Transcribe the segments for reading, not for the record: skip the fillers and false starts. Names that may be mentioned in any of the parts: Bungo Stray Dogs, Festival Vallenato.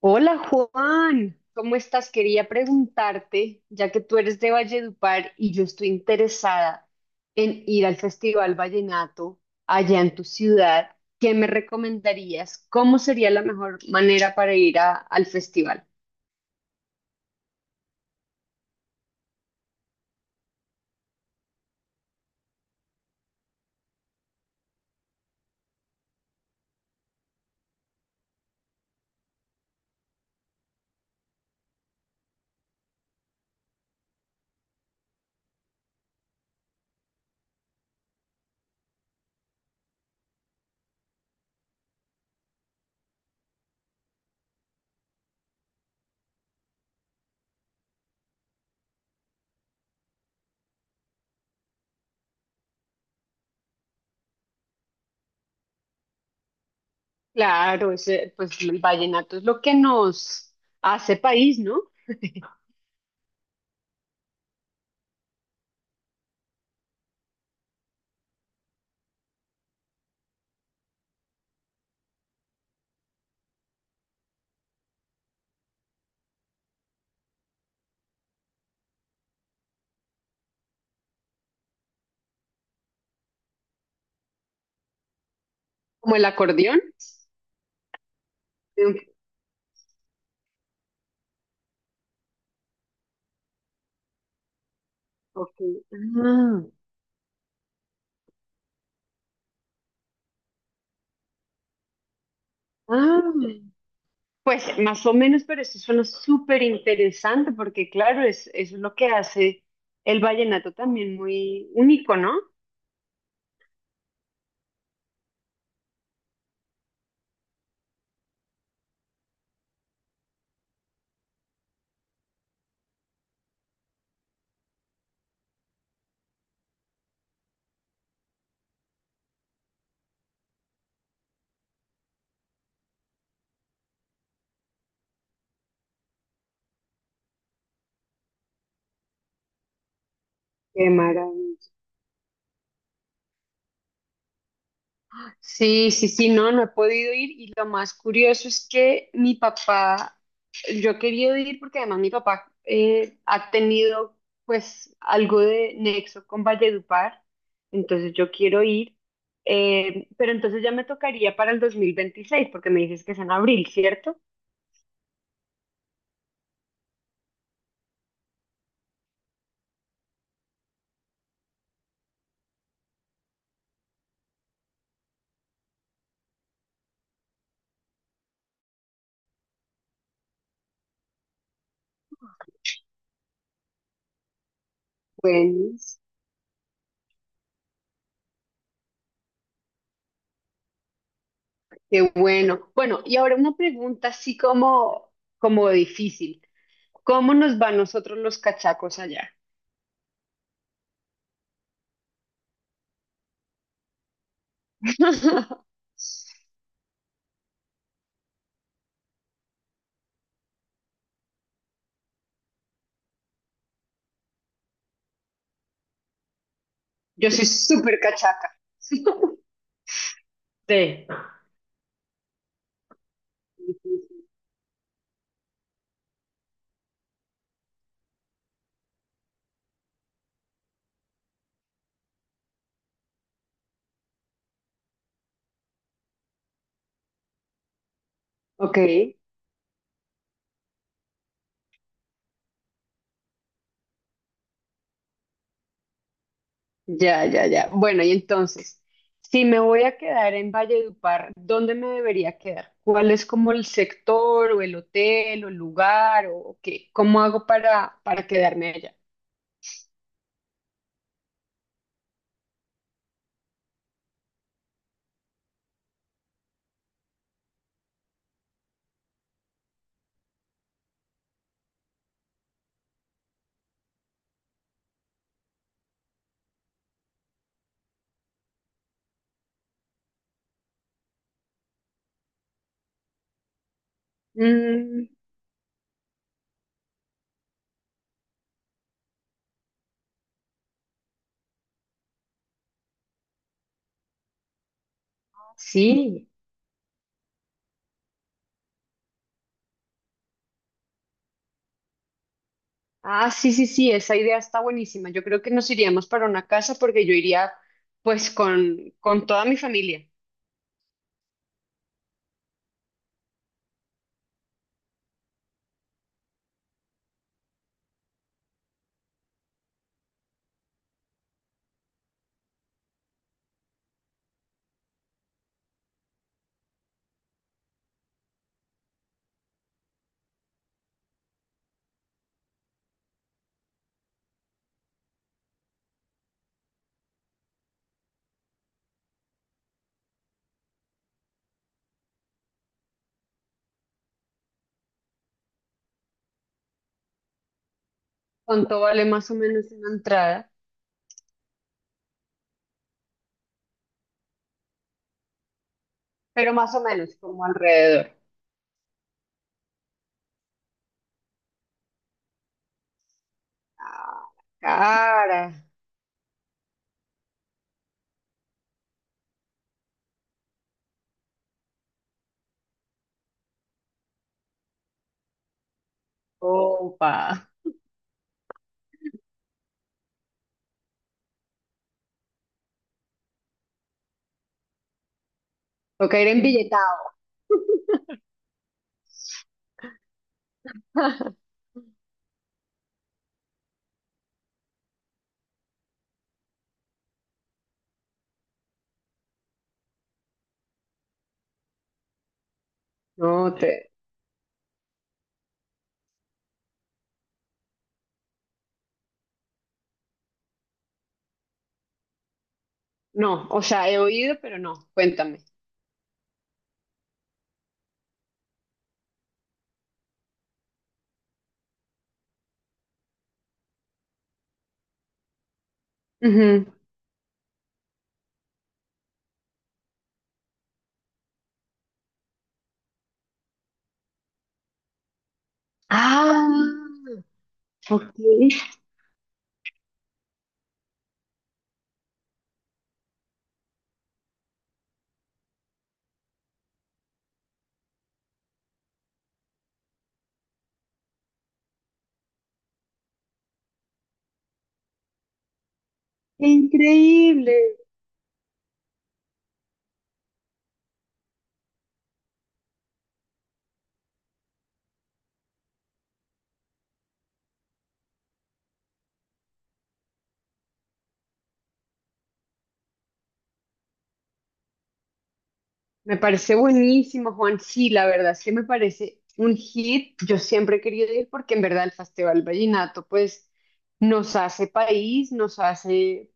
Hola Juan, ¿cómo estás? Quería preguntarte, ya que tú eres de Valledupar y yo estoy interesada en ir al Festival Vallenato allá en tu ciudad, ¿qué me recomendarías? ¿Cómo sería la mejor manera para al festival? Claro, ese, pues el vallenato es lo que nos hace país, ¿no? Como el acordeón. Ok. Ah, ah. Pues más o menos, pero eso suena súper interesante porque claro, es, eso es lo que hace el vallenato también muy único, ¿no? Qué maravilla. Sí, sí, sí, no, no he podido ir y lo más curioso es que mi papá, yo he querido ir porque además mi papá ha tenido pues algo de nexo con Valledupar, entonces yo quiero ir, pero entonces ya me tocaría para el 2026 porque me dices que es en abril, ¿cierto? Bueno. Qué bueno. Bueno, y ahora una pregunta así como, como difícil. ¿Cómo nos va nosotros los cachacos allá? Yo soy súper cachaca. Sí. Ok, ya, ya, ya. Bueno, y entonces, si me voy a quedar en Valledupar, ¿dónde me debería quedar? ¿Cuál es como el sector o el hotel o el lugar o qué? ¿Cómo hago para quedarme allá? Mm, sí. Ah, sí, sí, sí, esa idea está buenísima. Yo creo que nos iríamos para una casa porque yo iría pues con toda mi familia. ¿Cuánto vale más o menos una entrada? Pero más o menos, como alrededor. Ah, cara, copa. Toca ir embilletado. No, te... No, o sea, he oído, pero no. Cuéntame. Ujú. Ah, ok. Qué increíble. Me parece buenísimo, Juan. Sí, la verdad, sí me parece un hit. Yo siempre he querido ir porque en verdad el Festival Vallenato, pues, nos hace país, nos hace,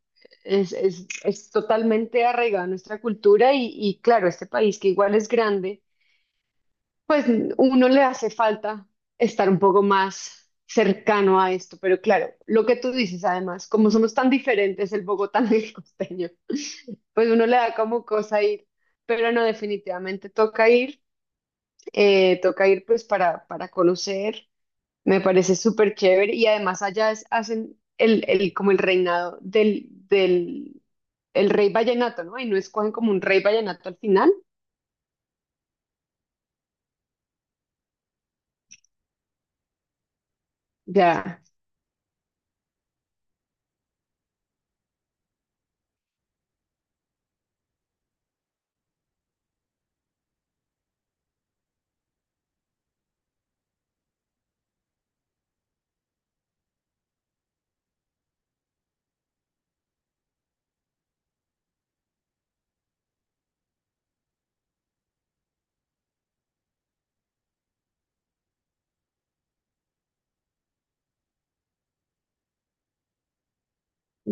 es totalmente arraigada a nuestra cultura y claro, este país que igual es grande, pues uno le hace falta estar un poco más cercano a esto. Pero claro, lo que tú dices además, como somos tan diferentes el bogotano y el costeño, pues uno le da como cosa ir. Pero no, definitivamente toca ir. Toca ir pues para conocer, me parece súper chévere y además hacen como el reinado del el rey vallenato, ¿no? Y no escogen como un rey vallenato al final. Ya.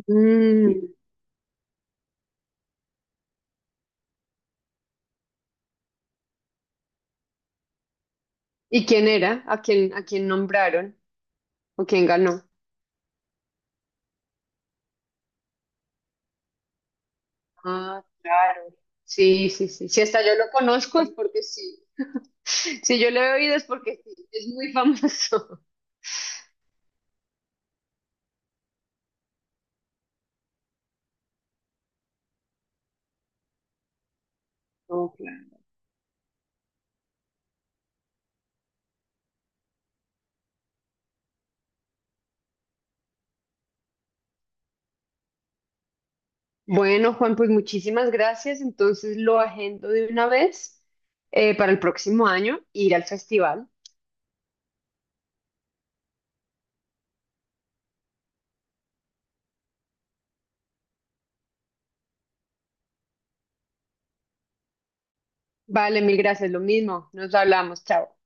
Mm. ¿Y quién era? A quién nombraron? ¿O quién ganó? Ah, claro. Sí, sí, sí. Si hasta yo lo conozco es porque sí. Si yo lo he oído es porque sí. Es muy famoso. Bueno, Juan, pues muchísimas gracias. Entonces lo agendo de una vez para el próximo año, ir al festival. Vale, mil gracias, lo mismo. Nos hablamos, chao.